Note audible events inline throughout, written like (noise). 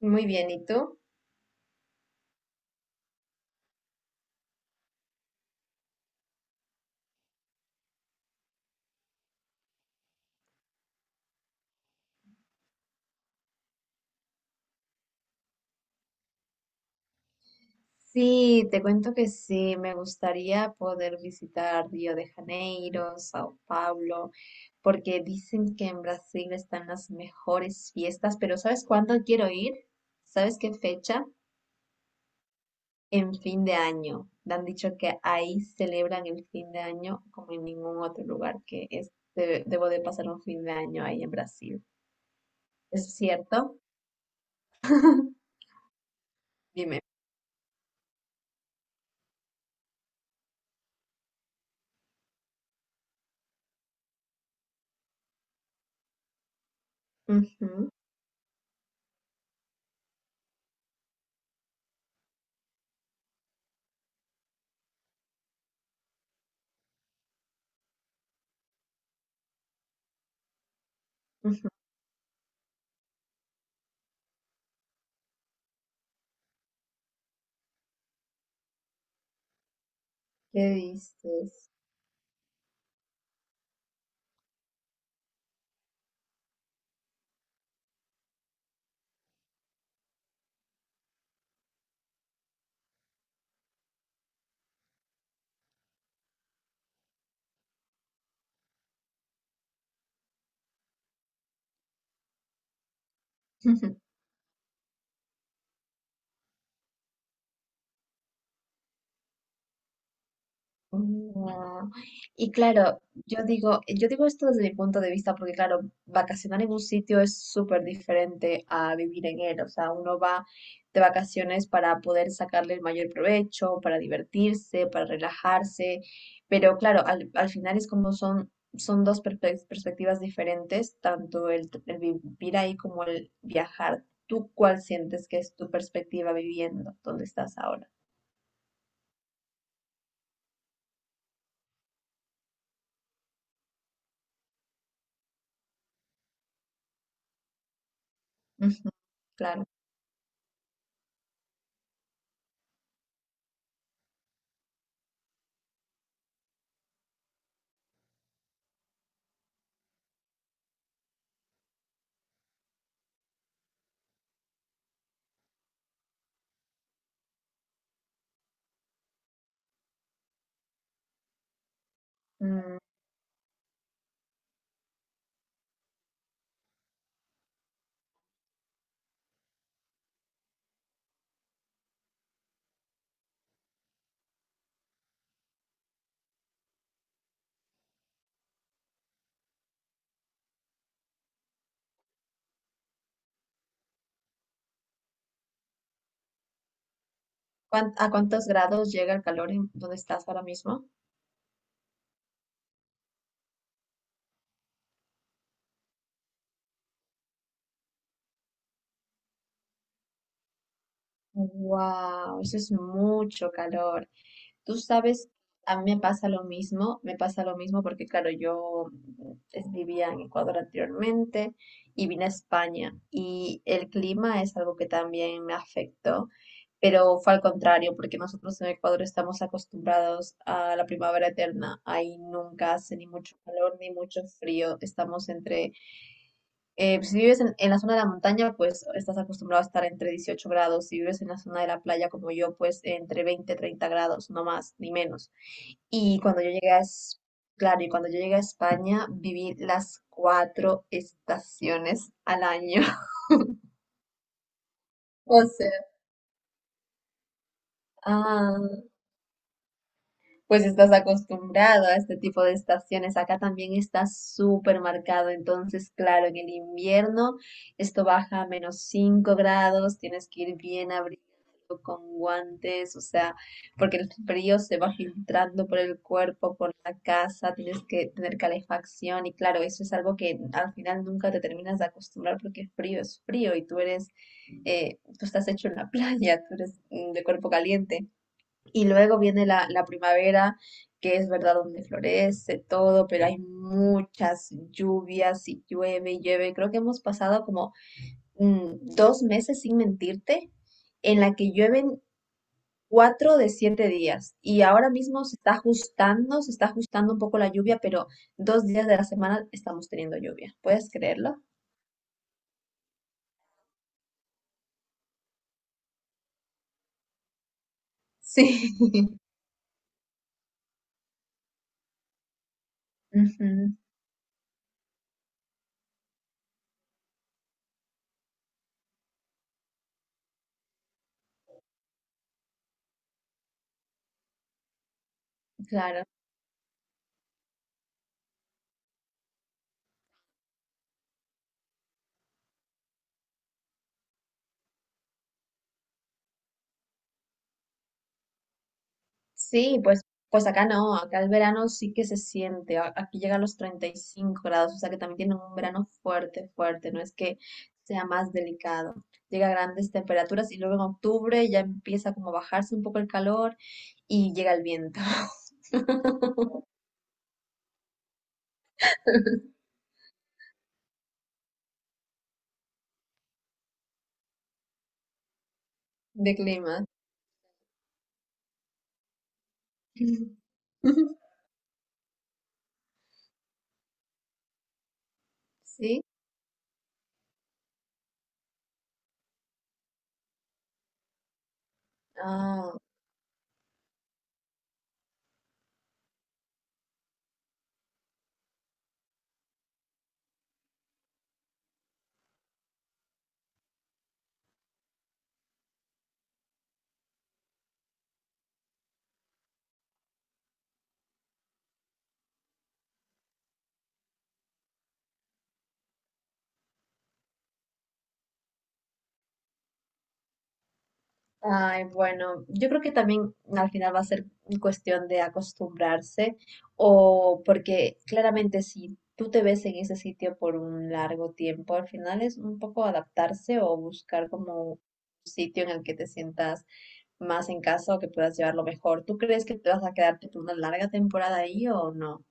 Muy bien, ¿y tú? Sí, te cuento que sí, me gustaría poder visitar Río de Janeiro, Sao Paulo, porque dicen que en Brasil están las mejores fiestas, pero ¿sabes cuándo quiero ir? ¿Sabes qué fecha? En fin de año. Me han dicho que ahí celebran el fin de año como en ningún otro lugar que es, debo de pasar un fin de año ahí en Brasil. ¿Es cierto? (laughs) Dime. Ujú, ujú. ¿Qué dices? (laughs) No. Y claro, yo digo esto desde mi punto de vista porque claro, vacacionar en un sitio es súper diferente a vivir en él. O sea, uno va de vacaciones para poder sacarle el mayor provecho, para divertirse, para relajarse. Pero claro, al final es como son dos perspectivas diferentes, tanto el vivir ahí como el viajar. ¿Tú cuál sientes que es tu perspectiva viviendo? ¿Dónde estás ahora? (laughs) Ujú, claro. Mm. ¿A cuántos grados llega el calor en donde estás ahora mismo? Wow, eso es mucho calor. Tú sabes, a mí me pasa lo mismo, me pasa lo mismo porque, claro, yo vivía en Ecuador anteriormente y vine a España y el clima es algo que también me afectó, pero fue al contrario porque nosotros en Ecuador estamos acostumbrados a la primavera eterna. Ahí nunca hace ni mucho calor ni mucho frío, estamos entre. Pues, si vives en la zona de la montaña, pues estás acostumbrado a estar entre 18 grados. Si vives en la zona de la playa como yo, pues entre 20, 30 grados, no más ni menos. Y cuando yo llegué a, Es- Claro, y cuando yo llegué a España, viví las cuatro estaciones al año. (laughs) O sea, ah, pues estás acostumbrado a este tipo de estaciones. Acá también está súper marcado. Entonces, claro, en el invierno esto baja a -5 grados, tienes que ir bien abrigado con guantes, o sea, porque el frío se va filtrando por el cuerpo, por la casa, tienes que tener calefacción y claro, eso es algo que al final nunca te terminas de acostumbrar porque frío es frío y tú estás hecho en la (laughs) playa, tú eres de cuerpo caliente. Y luego viene la primavera, que es verdad donde florece todo, pero hay muchas lluvias y llueve y llueve. Creo que hemos pasado como 2 meses, sin mentirte, en la que llueven 4 de 7 días. Y ahora mismo se está ajustando un poco la lluvia, pero 2 días de la semana estamos teniendo lluvia. ¿Puedes creerlo? Sí. (laughs) Ujú, claro. Sí, pues, pues acá no, acá el verano sí que se siente, aquí llega a los 35 grados, o sea que también tiene un verano fuerte, fuerte, no es que sea más delicado, llega a grandes temperaturas y luego en octubre ya empieza como a bajarse un poco el calor y llega el viento (laughs) de clima. (laughs) Sí, ah. Ay, bueno, yo creo que también al final va a ser cuestión de acostumbrarse o porque claramente si tú te ves en ese sitio por un largo tiempo, al final es un poco adaptarse o buscar como un sitio en el que te sientas más en casa o que puedas llevarlo mejor. ¿Tú crees que te vas a quedarte por una larga temporada ahí o no?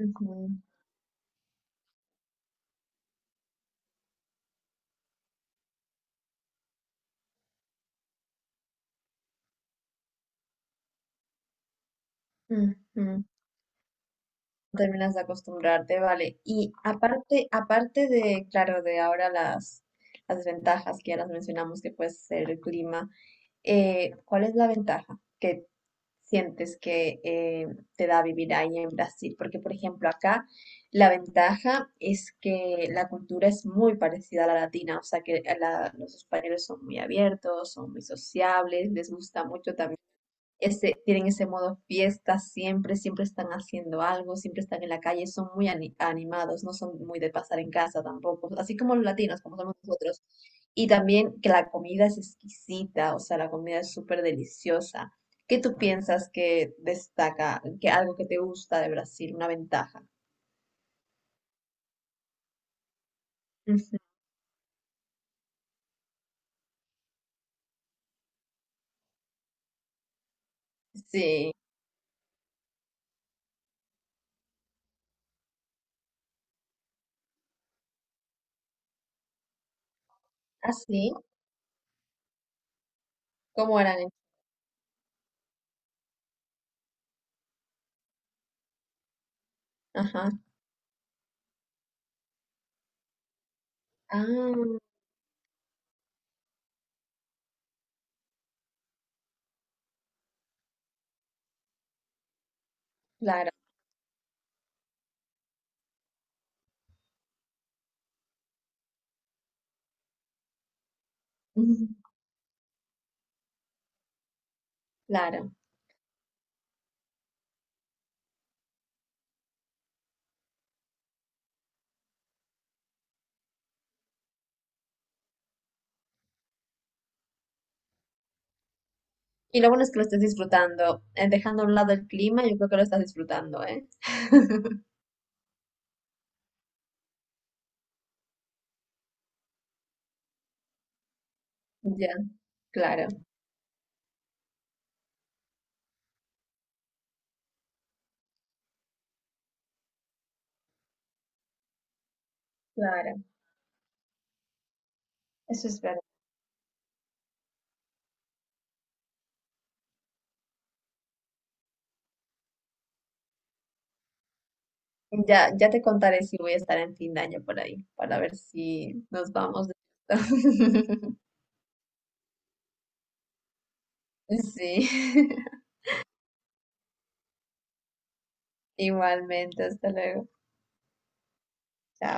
Ujú, ujú. Terminas de acostumbrarte, vale. Y aparte, aparte de, claro, de ahora las ventajas que ya las mencionamos, que puede ser el clima, ¿cuál es la ventaja que sientes que te da vivir ahí en Brasil? Porque, por ejemplo, acá la ventaja es que la cultura es muy parecida a la latina, o sea que los españoles son muy abiertos, son muy sociables, les gusta mucho también ese, tienen ese modo fiesta siempre, siempre están haciendo algo, siempre están en la calle, son muy animados, no son muy de pasar en casa tampoco, así como los latinos, como somos nosotros. Y también que la comida es exquisita, o sea, la comida es súper deliciosa. ¿Qué tú piensas que destaca, que algo que te gusta de Brasil, una ventaja? Ujú. Sí, así, ¿cómo eran? Ajá, ah, claro, (laughs) claro. Y lo bueno es que lo estés disfrutando. Dejando a un lado el clima, yo creo que lo estás disfrutando, ¿eh? (laughs) Ya, claro, claro. Eso es verdad. Ya, ya te contaré si voy a estar en fin de año por ahí, para ver si nos vamos de fiesta. (laughs) Sí, (laughs) igualmente, hasta luego. Chao.